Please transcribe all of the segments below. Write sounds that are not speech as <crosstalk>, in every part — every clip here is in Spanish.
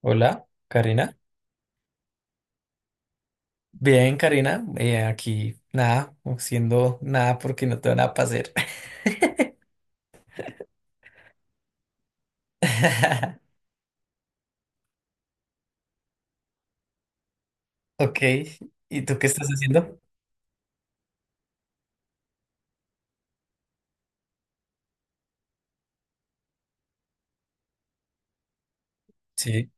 Hola, Karina. Bien, Karina, aquí nada, haciendo nada porque no tengo nada para hacer. <laughs> Ok, ¿y tú qué estás haciendo? Sí.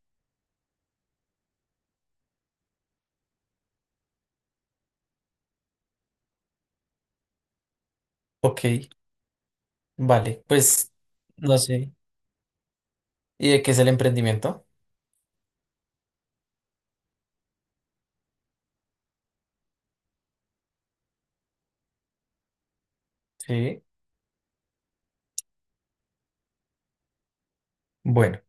Ok, vale, pues no sé. ¿Y de qué es el emprendimiento? Sí. Bueno.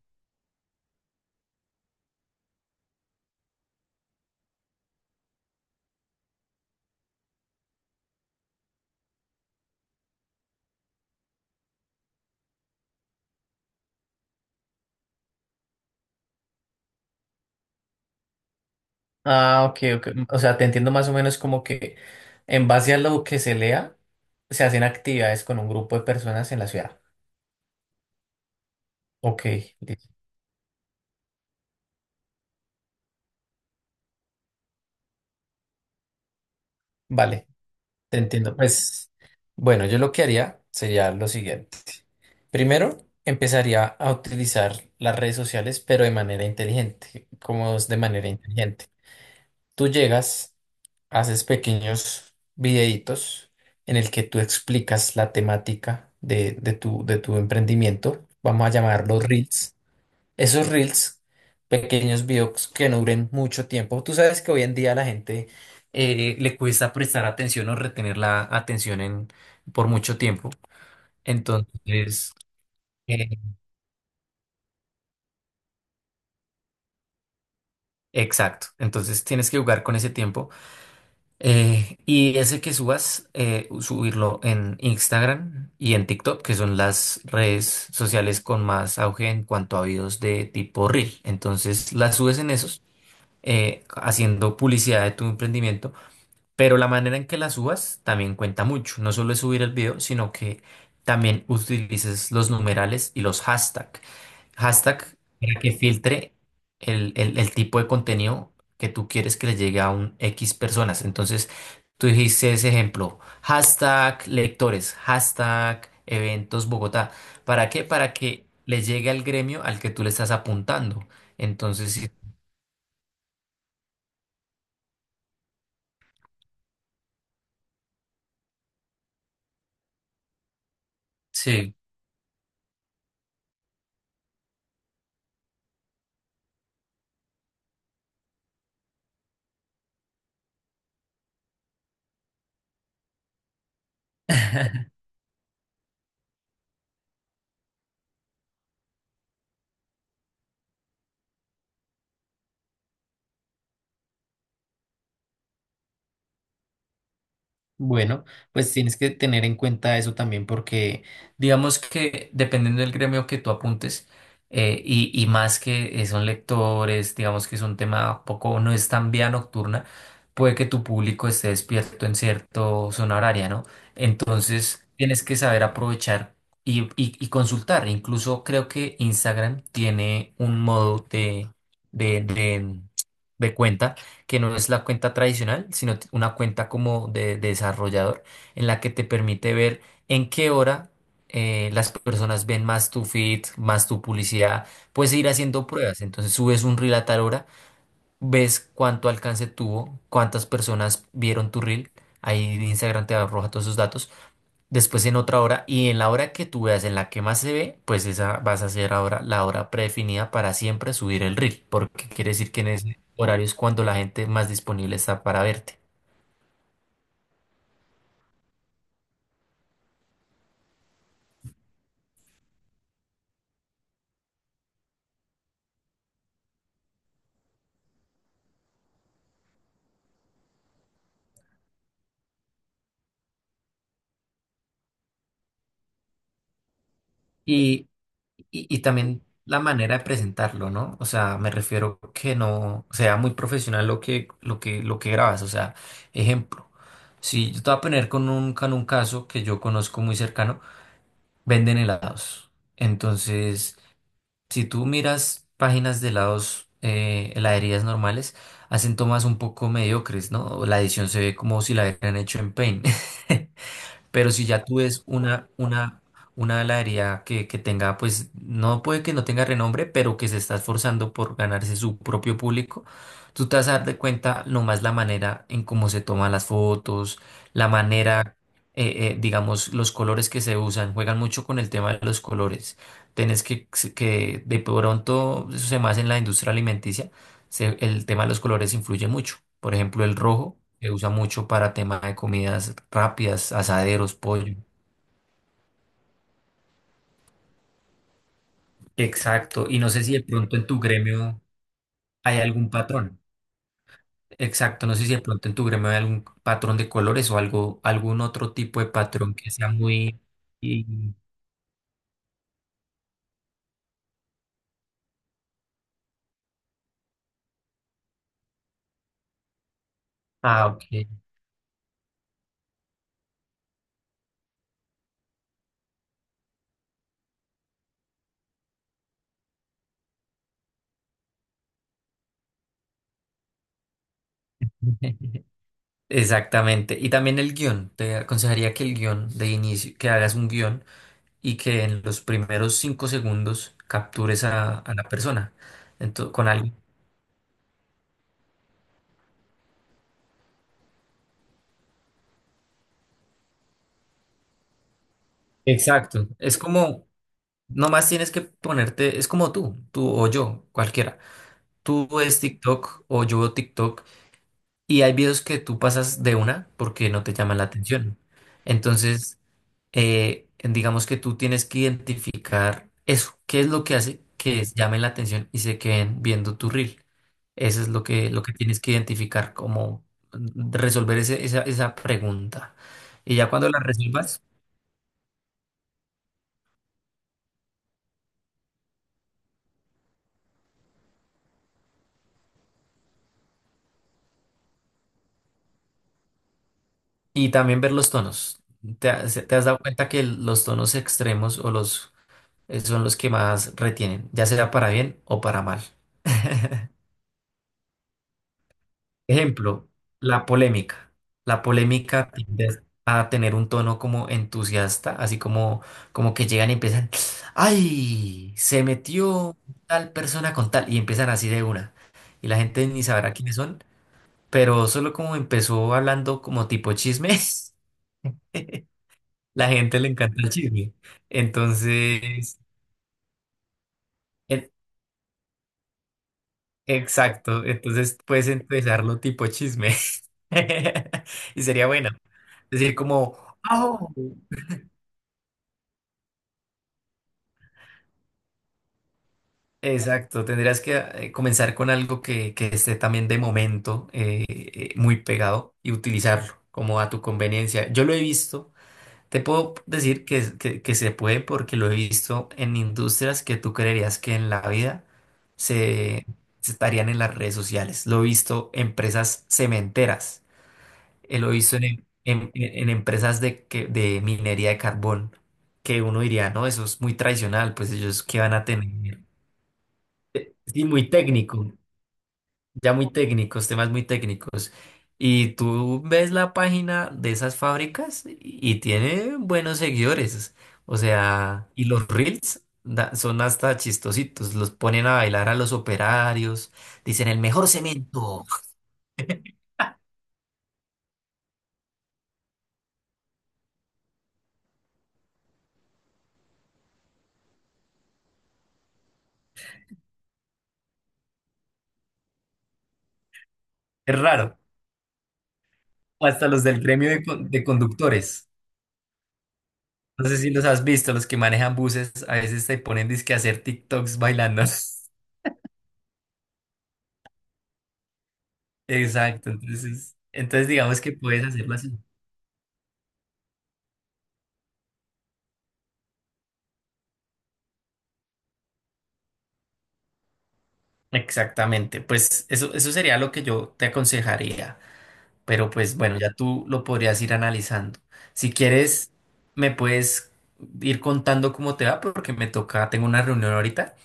Ah, ok, ok. O sea, te entiendo más o menos como que en base a lo que se lea, se hacen actividades con un grupo de personas en la ciudad. Ok, listo. Vale, te entiendo. Pues bueno, yo lo que haría sería lo siguiente. Primero, empezaría a utilizar las redes sociales, pero de manera inteligente. Como es de manera inteligente? Tú llegas, haces pequeños videitos en el que tú explicas la temática de tu emprendimiento. Vamos a llamarlos Reels. Esos Reels, pequeños videos que no duren mucho tiempo. Tú sabes que hoy en día a la gente le cuesta prestar atención o retener por mucho tiempo. Entonces eh, exacto, entonces tienes que jugar con ese tiempo y ese que subas, subirlo en Instagram y en TikTok, que son las redes sociales con más auge en cuanto a videos de tipo Reel. Entonces las subes en esos, haciendo publicidad de tu emprendimiento, pero la manera en que las subas también cuenta mucho. No solo es subir el video, sino que también utilices los numerales y los hashtags. Hashtag para que filtre el tipo de contenido que tú quieres que le llegue a un X personas. Entonces, tú dijiste ese ejemplo. Hashtag lectores, hashtag eventos Bogotá. ¿Para qué? Para que le llegue al gremio al que tú le estás apuntando. Entonces, sí. Sí. Bueno, pues tienes que tener en cuenta eso también porque digamos que dependiendo del gremio que tú apuntes, y más que son lectores, digamos que es un tema poco, no es tan vía nocturna, puede que tu público esté despierto en cierto zona horaria, ¿no? Entonces tienes que saber aprovechar y consultar. Incluso creo que Instagram tiene un modo de de cuenta que no es la cuenta tradicional, sino una cuenta como de desarrollador, en la que te permite ver en qué hora las personas ven más tu feed, más tu publicidad. Puedes ir haciendo pruebas. Entonces subes un reel a tal hora, ves cuánto alcance tuvo, cuántas personas vieron tu reel. Ahí Instagram te arroja todos esos datos después en otra hora, y en la hora que tú veas en la que más se ve, pues esa vas a hacer ahora la hora predefinida para siempre subir el reel, porque quiere decir que en ese horario es cuando la gente más disponible está para verte. Y, y también la manera de presentarlo, ¿no? O sea, me refiero que no sea muy profesional lo que grabas, o sea, ejemplo. Si yo te voy a poner con un caso que yo conozco muy cercano, venden helados. Entonces, si tú miras páginas de helados, heladerías normales, hacen tomas un poco mediocres, ¿no? O la edición se ve como si la hubieran hecho en Paint. <laughs> Pero si ya tú ves una heladería que tenga, pues no puede que no tenga renombre, pero que se está esforzando por ganarse su propio público, tú te vas a dar de cuenta nomás la manera en cómo se toman las fotos, la manera, digamos, los colores que se usan, juegan mucho con el tema de los colores. Tienes que de pronto, eso se más en la industria alimenticia el tema de los colores influye mucho. Por ejemplo, el rojo se usa mucho para tema de comidas rápidas, asaderos, pollo. Exacto. Y no sé si de pronto en tu gremio hay algún patrón. Exacto. No sé si de pronto en tu gremio hay algún patrón de colores o algo, algún otro tipo de patrón que sea muy... y- Ah, ok. <laughs> Exactamente. Y también el guión. Te aconsejaría que el guión de inicio, que hagas un guión, y que en los primeros 5 segundos captures a la persona. Con algo. Exacto. Es como, nomás tienes que ponerte, es como tú o yo, cualquiera. Tú ves TikTok o yo veo TikTok, y hay videos que tú pasas de una porque no te llaman la atención. Entonces, digamos que tú tienes que identificar eso. ¿Qué es lo que hace que llamen la atención y se queden viendo tu reel? Eso es lo que tienes que identificar, como resolver esa pregunta. Y ya cuando la resuelvas, y también ver los tonos. Te has dado cuenta que los tonos extremos o los, son los que más retienen, ya sea para bien o para mal? <laughs> Ejemplo, la polémica. La polémica tiende a tener un tono como entusiasta, así como, como que llegan y empiezan, ¡ay! Se metió tal persona con tal, y empiezan así de una. Y la gente ni sabrá quiénes son, pero solo como empezó hablando como tipo chismes, <laughs> la gente le encanta el chisme. Entonces, e- exacto, entonces puedes empezarlo tipo chisme. <laughs> Y sería bueno. Decir como... ¡Oh! Exacto, tendrías que comenzar con algo que esté también de momento muy pegado y utilizarlo como a tu conveniencia. Yo lo he visto, te puedo decir que, que se puede porque lo he visto en industrias que tú creerías que en la vida se, se estarían en las redes sociales. Lo he visto en empresas cementeras, lo he visto en, en empresas de, de minería de carbón, que uno diría, no, eso es muy tradicional, pues ellos qué van a tener. Sí, muy técnico, ya muy técnicos, temas muy técnicos. Y tú ves la página de esas fábricas y tiene buenos seguidores. O sea, y los reels son hasta chistositos. Los ponen a bailar a los operarios. Dicen el mejor cemento. Es raro. O hasta los del gremio de, de conductores. No sé si los has visto, los que manejan buses, a veces te ponen disque a hacer TikToks bailando. <laughs> Exacto, entonces, entonces digamos que puedes hacerlas. Exactamente, pues eso sería lo que yo te aconsejaría, pero pues bueno, ya tú lo podrías ir analizando. Si quieres, me puedes ir contando cómo te va, porque me toca, tengo una reunión ahorita,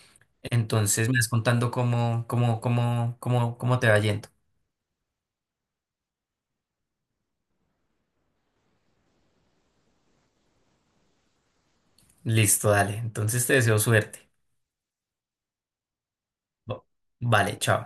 entonces me vas contando cómo te va yendo. Listo, dale, entonces te deseo suerte. Bo- Vale, chao.